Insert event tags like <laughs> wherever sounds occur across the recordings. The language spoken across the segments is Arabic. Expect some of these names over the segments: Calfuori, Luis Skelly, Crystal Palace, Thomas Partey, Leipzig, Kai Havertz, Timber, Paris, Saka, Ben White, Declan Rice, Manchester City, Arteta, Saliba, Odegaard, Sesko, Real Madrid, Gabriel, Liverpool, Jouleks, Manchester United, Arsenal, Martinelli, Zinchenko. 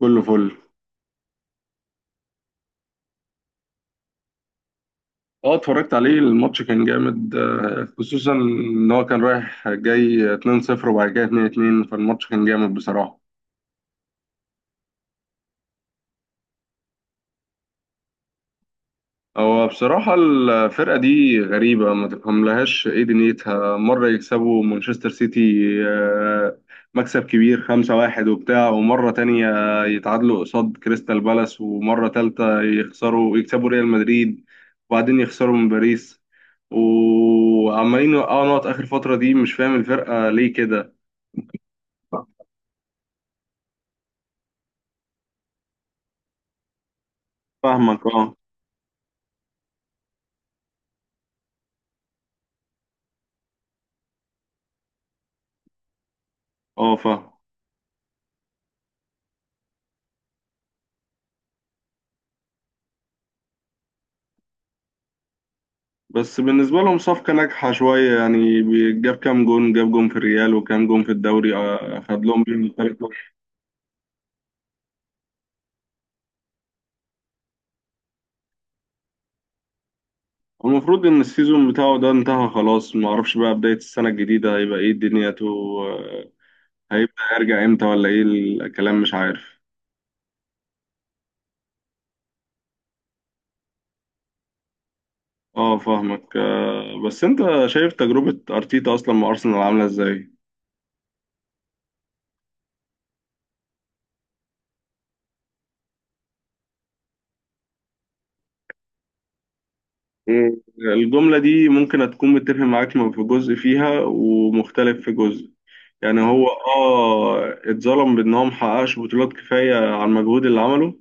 كله فل. اه، اتفرجت عليه الماتش كان جامد خصوصا ان هو كان رايح جاي 2-0 وبعد كده 2-2 فالماتش كان جامد بصراحة. هو بصراحة الفرقة دي غريبة ما تفهملهاش ايه دنيتها مرة يكسبوا مانشستر سيتي آه، مكسب كبير 5-1 وبتاع ومرة تانية يتعادلوا قصاد كريستال بالاس ومرة تالتة يخسروا يكسبوا ريال مدريد وبعدين يخسروا من باريس وعمالين يوقعوا نقط آخر فترة دي مش فاهم الفرقة ليه كده. فاهمك اه. اه فاهم. بس بالنسبة لهم صفقة ناجحة شوية يعني جاب كام جون جاب جون في الريال وكام جون في الدوري خد لهم بيه من فريق واحد. المفروض إن السيزون بتاعه ده انتهى خلاص ما أعرفش بقى بداية السنة الجديدة هيبقى إيه دنيته آه، هيبدأ يرجع إمتى ولا إيه الكلام مش عارف. أه فاهمك بس أنت شايف تجربة أرتيتا أصلا مع أرسنال عاملة إزاي؟ مم. الجملة دي ممكن هتكون متفق معاك في جزء فيها ومختلف في جزء. يعني هو اتظلم بان هو محققش بطولات كفايه على المجهود اللي عمله.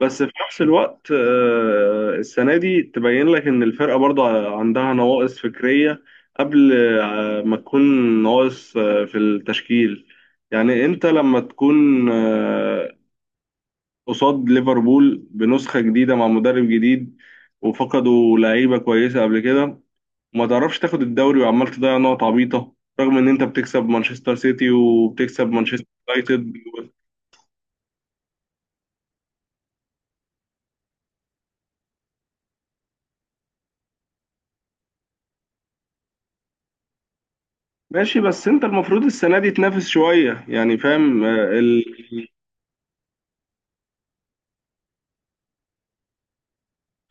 بس في نفس الوقت السنه دي تبين لك ان الفرقه برضه عندها نواقص فكريه قبل ما تكون نواقص في التشكيل. يعني انت لما تكون قصاد ليفربول بنسخه جديده مع مدرب جديد وفقدوا لعيبه كويسه قبل كده وما تعرفش تاخد الدوري وعمال تضيع نقط عبيطة رغم ان انت بتكسب مانشستر سيتي وبتكسب مانشستر يونايتد. ماشي بس انت المفروض السنة دي تنافس شوية يعني فاهم.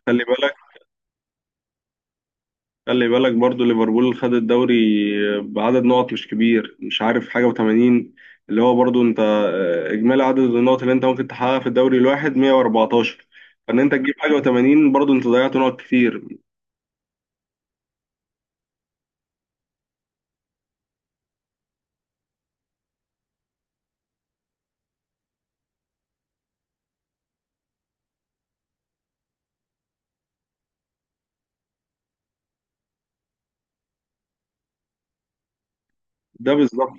خلي بالك خلي بالك برضو ليفربول خد الدوري بعدد نقط مش كبير مش عارف حاجة و80. اللي هو برضو انت اجمالي عدد النقط اللي انت ممكن تحققها في الدوري الواحد 114 فان انت تجيب حاجة و80 برضو انت ضيعت نقط كتير. ده بالظبط.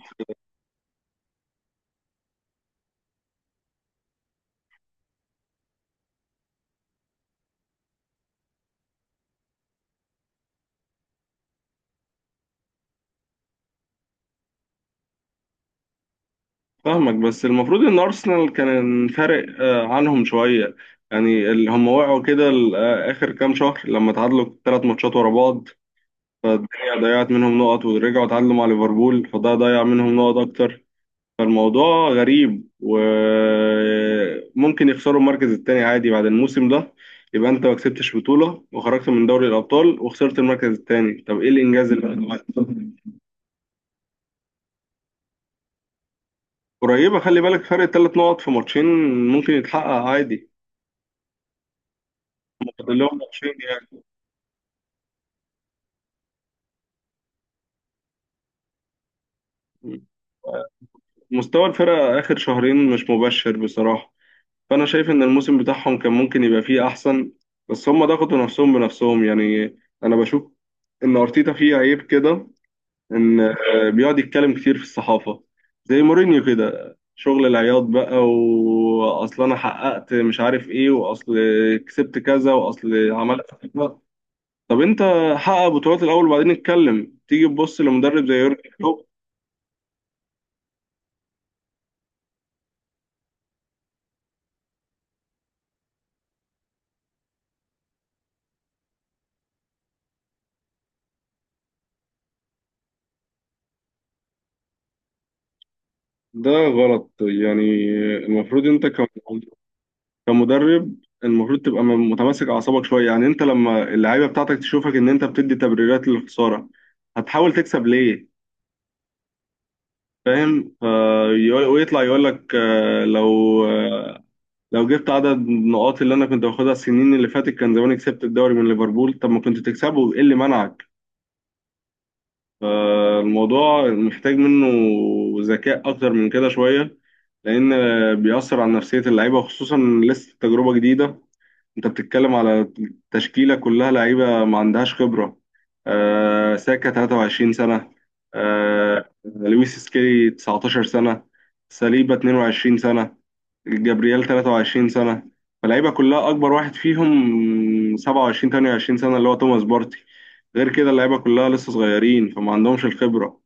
فاهمك بس المفروض ان ارسنال كان فارق عنهم شويه يعني اللي هم وقعوا كده اخر كام شهر لما تعادلوا 3 ماتشات ورا بعض. فالدنيا ضيعت منهم نقط ورجعوا تعادلوا مع ليفربول فده ضيع منهم نقط اكتر. فالموضوع غريب وممكن يخسروا المركز التاني عادي بعد الموسم ده. يبقى انت ما كسبتش بطوله وخرجت من دوري الابطال وخسرت المركز التاني طب ايه الانجاز اللي <laughs> قريبه. خلي بالك فرق 3 نقط في ماتشين ممكن يتحقق عادي. اللي هم ماتشين يعني مستوى الفرقة آخر شهرين مش مبشر بصراحة. فأنا شايف إن الموسم بتاعهم كان ممكن يبقى فيه أحسن بس هم ضغطوا نفسهم بنفسهم يعني. أنا بشوف إن أرتيتا فيه عيب كده إن بيقعد يتكلم كتير في الصحافة زي مورينيو كده شغل العياط بقى وأصل أنا حققت مش عارف إيه وأصل كسبت كذا وأصل عملت كذا. طب أنت حقق بطولات الأول وبعدين اتكلم تيجي تبص لمدرب زي يورجن كلوب. ده غلط يعني. المفروض انت كمدرب المفروض تبقى متماسك اعصابك شويه يعني انت لما اللعيبه بتاعتك تشوفك ان انت بتدي تبريرات للخساره هتحاول تكسب ليه. فاهم. ويطلع يقول لك لو جبت عدد النقاط اللي انا كنت باخدها السنين اللي فاتت كان زماني كسبت الدوري من ليفربول. طب ما كنت تكسبه ايه اللي منعك؟ فالموضوع محتاج منه ذكاء أكتر من كده شوية لأن بيأثر على نفسية اللعيبة وخصوصا لسه تجربة جديدة. أنت بتتكلم على تشكيلة كلها لعيبة ما عندهاش خبرة. ساكا 23 سنة لويس سكيلي 19 سنة ساليبا 22 سنة جابرييل 23 سنة. فاللعيبة كلها أكبر واحد فيهم 27 28 سنة اللي هو توماس بارتي. غير كده اللعيبة كلها لسه صغيرين فما عندهمش الخبرة.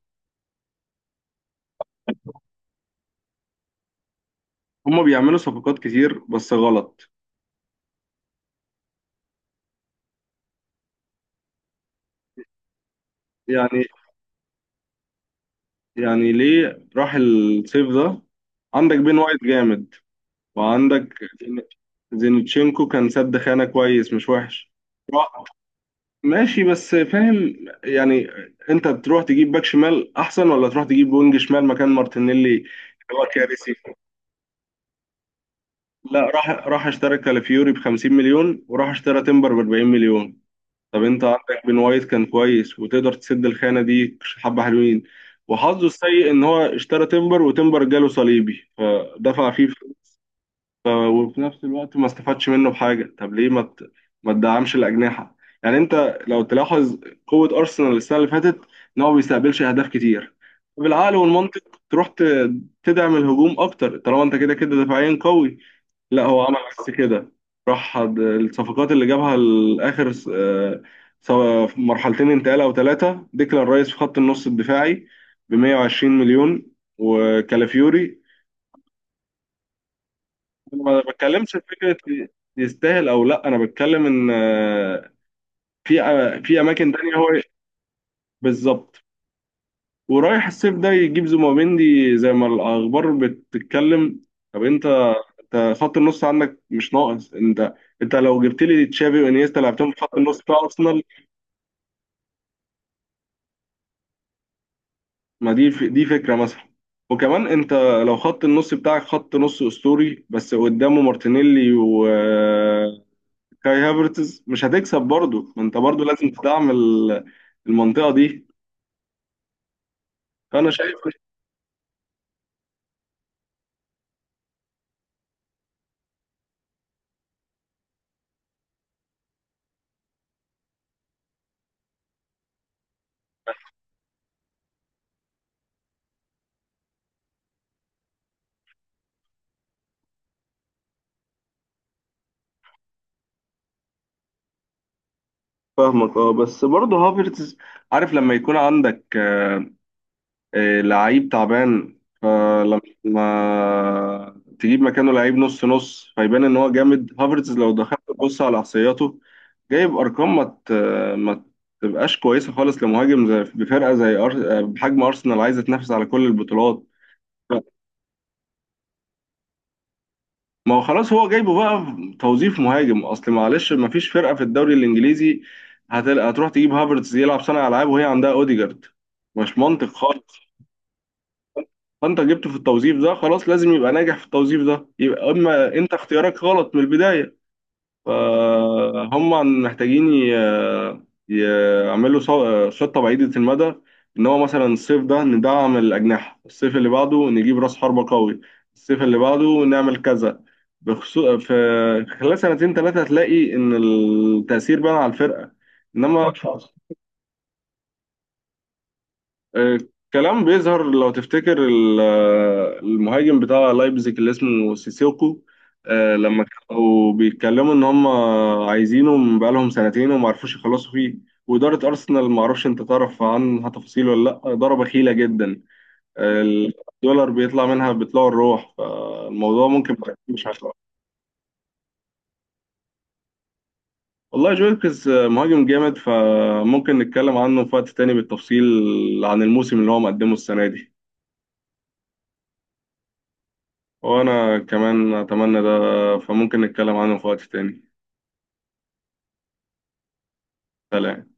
هما بيعملوا صفقات كتير بس غلط. يعني يعني ليه راح الصيف ده؟ عندك بين وايت جامد وعندك زين- زينتشينكو كان سد خانة كويس مش وحش. ماشي بس فاهم. يعني انت تروح تجيب باك شمال احسن ولا تروح تجيب وينج شمال مكان مارتينيلي اللي هو كارثي؟ لا راح اشترى كالافيوري ب 50 مليون وراح اشترى تمبر ب 40 مليون. طب انت عندك بن وايت كان كويس وتقدر تسد الخانه دي حبه حلوين. وحظه السيء ان هو اشترى تمبر وتمبر جاله صليبي فدفع فيه وفي نفس الوقت ما استفادش منه بحاجة. طب ليه ما تدعمش الأجنحة؟ يعني أنت لو تلاحظ قوة أرسنال السنة اللي فاتت إن هو ما بيستقبلش أهداف كتير. بالعقل والمنطق تروح تدعم الهجوم أكتر طالما أنت كده كده دفاعيا قوي. لا هو عمل بس كده. راح الصفقات اللي جابها لآخر سواء في مرحلتين انتقال أو ثلاثة، ديكلان رايس في خط النص الدفاعي ب 120 مليون وكالافيوري. ما بتكلمش في فكره يستاهل او لا، انا بتكلم ان في اماكن تانية هو بالظبط. ورايح الصيف ده يجيب زومبيندي زي ما الاخبار بتتكلم. طب انت خط النص عندك مش ناقص. انت لو جبت لي تشافي وانيستا لعبتهم في خط النص بتاع ارسنال. ما دي فكره مثلا. وكمان انت لو خط النص بتاعك خط نص اسطوري بس قدامه مارتينيلي و كاي هافرتز مش هتكسب برضه، ما انت برضه لازم تدعم المنطقه دي. فانا شايف. فاهمك اه. بس برضه هافرتز، عارف لما يكون عندك لعيب تعبان فلما تجيب مكانه لعيب نص نص فيبان ان هو جامد. هافرتز لو دخلت تبص على احصائياته جايب ارقام ما تبقاش كويسه خالص لمهاجم زي بفرقه زي أر... آه، بحجم ارسنال عايزه تنافس على كل البطولات. ما هو خلاص هو جايبه بقى في توظيف مهاجم، اصل معلش ما فيش فرقه في الدوري الانجليزي هتروح تجيب هافرتز يلعب صانع العاب وهي عندها اوديجارد. مش منطق خالص. فانت جبته في التوظيف ده، خلاص لازم يبقى ناجح في التوظيف ده يبقى. اما انت اختيارك غلط من البدايه. فهم محتاجين يعملوا خطة بعيدة المدى. إن هو مثلا الصيف ده ندعم الأجنحة، الصيف اللي بعده نجيب رأس حربة قوي، الصيف اللي بعده نعمل كذا. بخصوص في خلال سنتين ثلاثة هتلاقي إن التأثير بان على الفرقة. إنما آه، كلام بيظهر لو تفتكر المهاجم بتاع لايبزيج اللي اسمه سيسيوكو، لما كانوا بيتكلموا ان هم عايزينه من بقالهم سنتين وما عرفوش يخلصوا فيه. وإدارة أرسنال ما اعرفش انت تعرف عنها تفاصيل ولا لأ، إدارة بخيلة جدا، الدولار بيطلع منها بيطلع الروح فالموضوع ممكن ما يكونش عشرة. والله جويلكس مهاجم جامد فممكن نتكلم عنه في وقت تاني بالتفصيل عن الموسم اللي هو مقدمه السنة دي. وأنا كمان أتمنى ده. فممكن نتكلم عنه في وقت تاني. سلام.